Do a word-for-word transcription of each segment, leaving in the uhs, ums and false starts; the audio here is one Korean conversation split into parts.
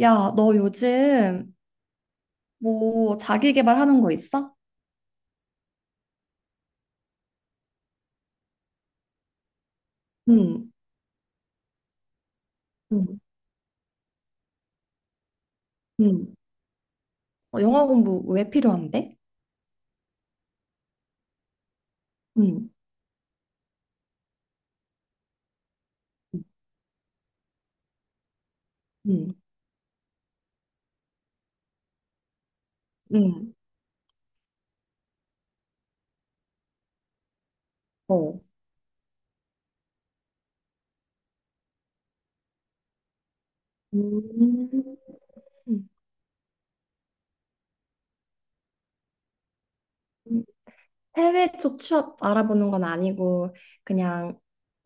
야, 너 요즘 뭐 자기 개발하는 거 있어? 응, 응, 응. 어, 영어 공부 왜 필요한데? 응, 응, 응, 어. 음, 음. 해외 쪽 취업 알아보는 건 아니고 그냥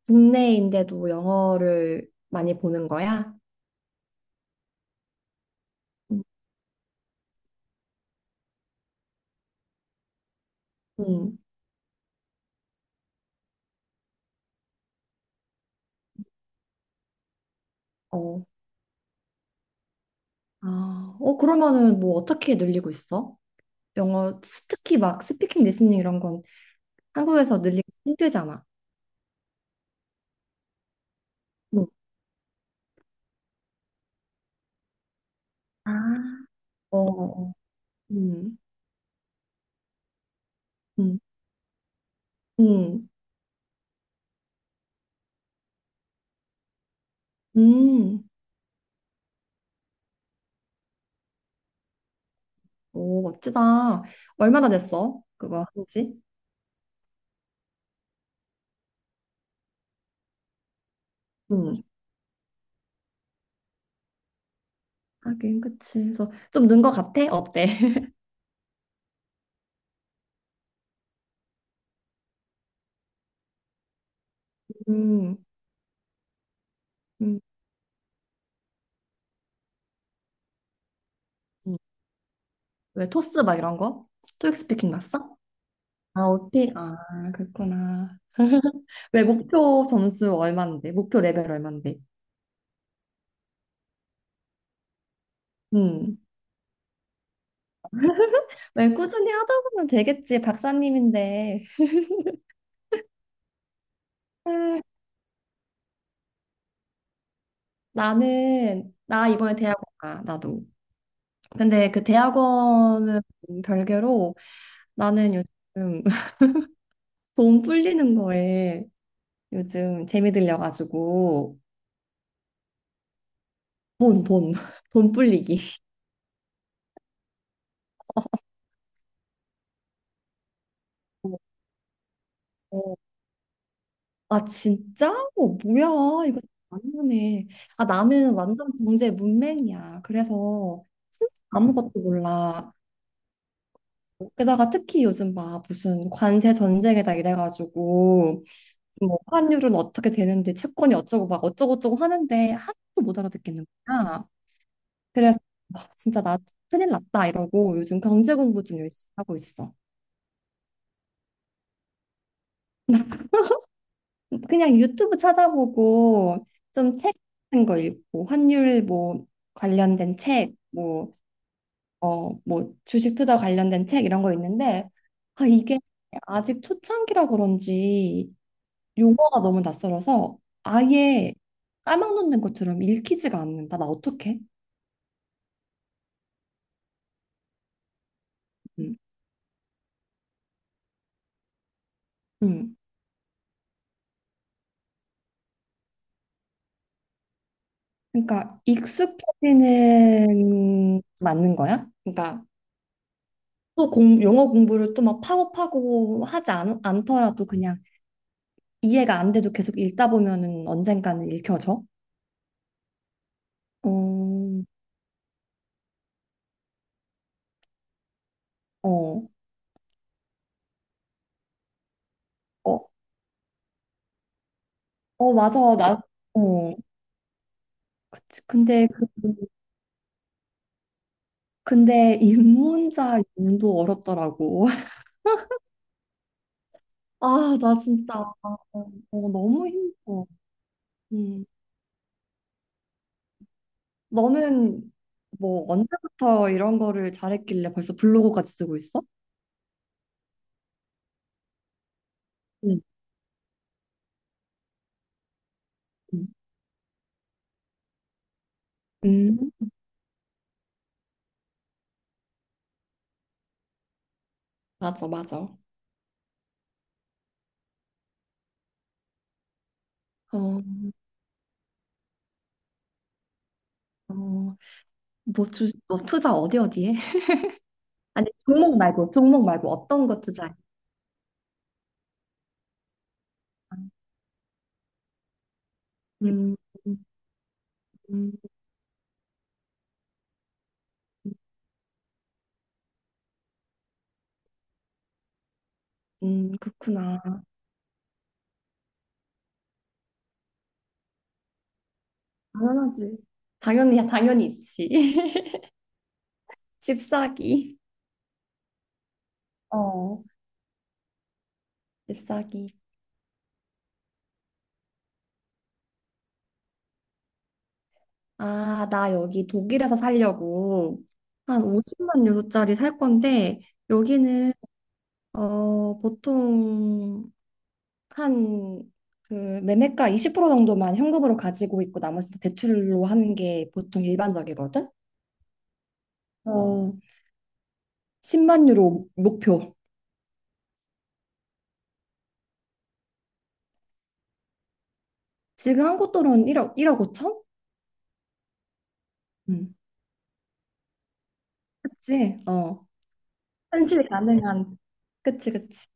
국내인데도 영어를 많이 보는 거야? 음. 응, 응, 어. 아, 어, 그러면은 뭐 어떻게 늘리고 있어? 영어, 특히 막 스피킹, 리스닝 이런 건 한국에서 늘리기 힘들잖아. 응. 아. 어, 어. 음, 음, 음, 음. 오, 멋지다. 얼마나 됐어? 그거 한지? 음, 하긴, 그치. 그래서 좀 는 거 같아? 어때? 음, 음, 음. 왜 토스 막 이런 거? 토익 스피킹 났어? 아, 오픽. 아, 그렇구나. 왜 목표 점수 얼만데? 목표 레벨 얼만데? 음. 왜 꾸준히 하다 보면 되겠지, 박사님인데. 아, 나는, 나 이번에 대학 가, 나도. 근데 그 대학원은 별개로 나는 요즘 돈 불리는 거에 요즘 재미 들려가지고 돈, 돈, 돈 불리기. 어, 아 진짜? 어, 뭐야 이거 아니네. 아 나는 완전 경제 문맹이야. 그래서 진짜 아무것도 몰라. 게다가 특히 요즘 막 무슨 관세 전쟁에다 이래가지고 뭐 환율은 어떻게 되는데 채권이 어쩌고 막 어쩌고저쩌고 하는데 하나도 못 알아듣겠는 거야. 그래서 아, 진짜 나 큰일 났다 이러고 요즘 경제 공부 좀 열심히 하고 있어. 그냥 유튜브 찾아보고 좀 책 같은 거 읽고 환율 뭐 관련된 책, 뭐, 어, 뭐 주식 투자 관련된 책 이런 거 있는데 아, 이게 아직 초창기라 그런지 용어가 너무 낯설어서 아예 까막눈된 것처럼 읽히지가 않는다. 나 어떡해? 음, 음. 그러니까 익숙해지는 맞는 거야? 그러니까 또 공, 영어 공부를 또 막 파고파고 하지 않, 않더라도 그냥 이해가 안 돼도 계속 읽다 보면은 언젠가는 읽혀져. 어, 어, 어, 어, 맞아. 나, 어, 그치. 근데, 그, 근데 입문자 용도 어렵더라고. 아, 나 진짜, 어, 어, 너무 힘들어. 음, 너는 뭐 언제부터 이런 거를 잘했길래 벌써 블로그까지 쓰고 있어? 응, 응. 음, 맞아, 맞아. 어, 어. 뭐 주, 뭐 투자 어디 어디에? 아니, 종목 말고, 종목 말고 어떤 거 투자해? 음, 음, 음, 그렇구나. 당연하지. 당연히, 당연히 있지. 집 사기. 어. 집 사기. 아, 나 여기 독일에서 살려고 한 오십만 유로짜리 살 건데, 여기는, 어, 보통 한, 그, 매매가 이십 프로 정도만 현금으로 가지고 있고, 나머지는 대출로 하는 게 보통 일반적이거든? 어. 십만 유로 목표. 지금 한국 돈은 일억, 일억 오천? 음. 그치? 어. 현실이 가능한. 그치, 그치.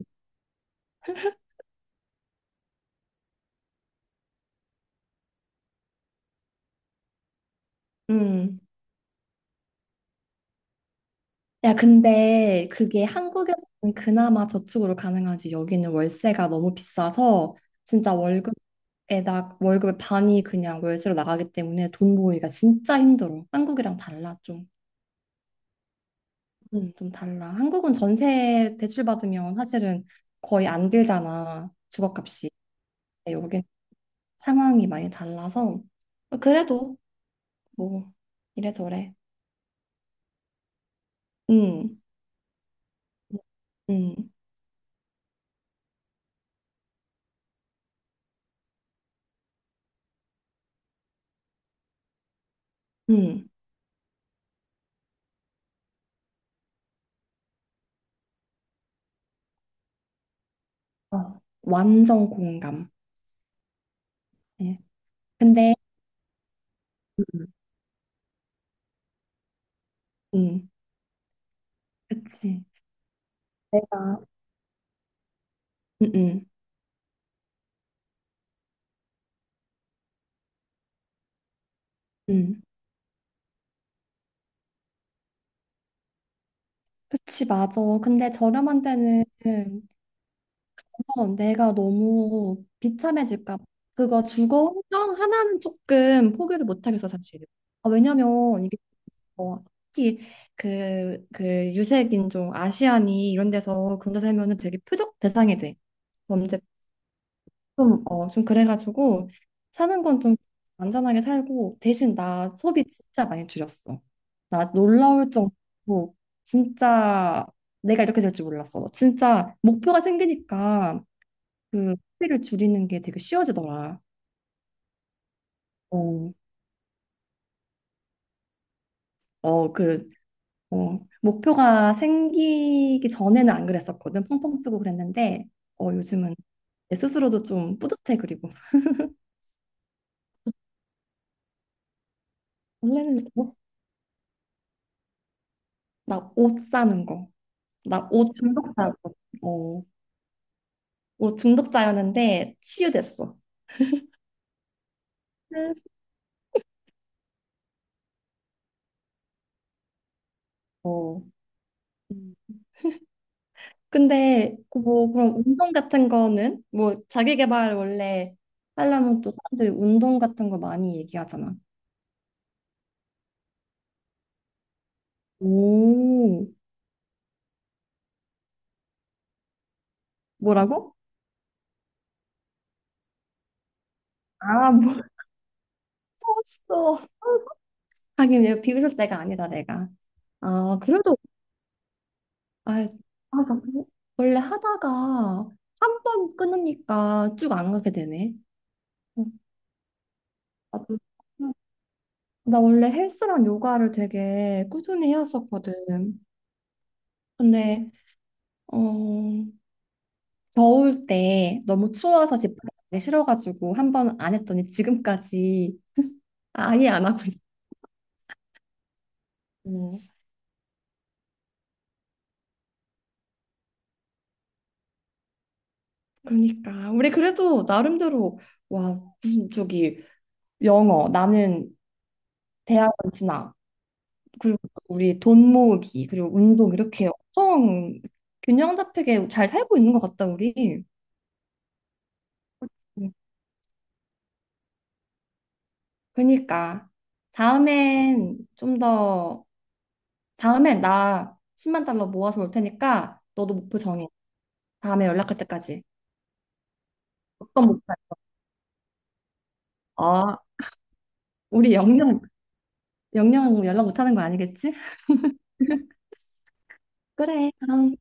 음. 야, 근데 그게 한국에서는 그나마 저축으로 가능하지. 여기는 월세가 너무 비싸서 진짜 월급에다, 월급의 반이 그냥 월세로 나가기 때문에 돈 모으기가 진짜 힘들어. 한국이랑 달라, 좀. 음, 좀 달라. 한국은 전세 대출 받으면 사실은 거의 안 들잖아. 주거값이. 근데 여기는 상황이 많이 달라서 어, 그래도 뭐 이래저래. 음, 음, 음. 음. 어, 완전 공감. 예. 근데 음, 음, 그치. 내가 음, 음, 음. 그치, 맞아. 근데 저렴한 데는 어, 내가 너무 비참해질까 봐. 그거 주거 환경 하나는 조금 포기를 못 하겠어, 사실. 아, 왜냐면 이게 어, 특히 그, 그 유색인종 아시안이 이런 데서 그런 데 살면은 되게 표적 대상이 돼. 범죄 좀, 어, 좀 그래가지고 사는 건 좀 안전하게 살고 대신 나 소비 진짜 많이 줄였어. 나 놀라울 정도로 진짜 내가 이렇게 될 줄 몰랐어. 진짜 목표가 생기니까 그 소비를 줄이는 게 되게 쉬워지더라. 어, 어, 그 어, 목표가 생기기 전에는 안 그랬었거든. 펑펑 쓰고 그랬는데, 어, 요즘은 내 스스로도 좀 뿌듯해, 그리고. 원래는 뭐, 나옷 사는 거. 나 옷 중독자고. 어, 옷 중독자였는데 치유됐어. 음. 어. 음. 근데 그뭐 그런 운동 같은 거는 뭐 자기 개발 원래 하려면 또 사람들이 운동 같은 거 많이 얘기하잖아. 오, 뭐라고? 아, 몰랐어. 하긴 내가 비웃을 때가 아니다 내가. 아 그래도 아, 아 나- 그거 원래 하다가 한 번 끊으니까 쭉 안 가게 되네. 응, 나도 나 원래 헬스랑 요가를 되게 꾸준히 해왔었거든. 근데 어, 더울 때 너무 추워서 집 밖에 싫어가지고 한 번 안 했더니 지금까지 아예 안 하고 있어. 그러니까 우리 그래도 나름대로 와 무슨 저기 영어 나는 대학원 진학 그리고 우리 돈 모으기, 그리고 운동 이렇게 엄청 균형 잡히게 잘 살고 있는 것 같다, 우리. 그러니까 다음엔 좀 더, 다음에 나 십만 달러 모아서 올 테니까 너도 목표 정해. 다음에 연락할 때까지. 어떤 목표? 어, 우리 영영, 영영 연락 못 하는 거 아니겠지? 그래, 그럼.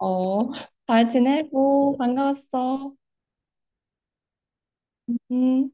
어, 잘 지내고 반가웠어. 음.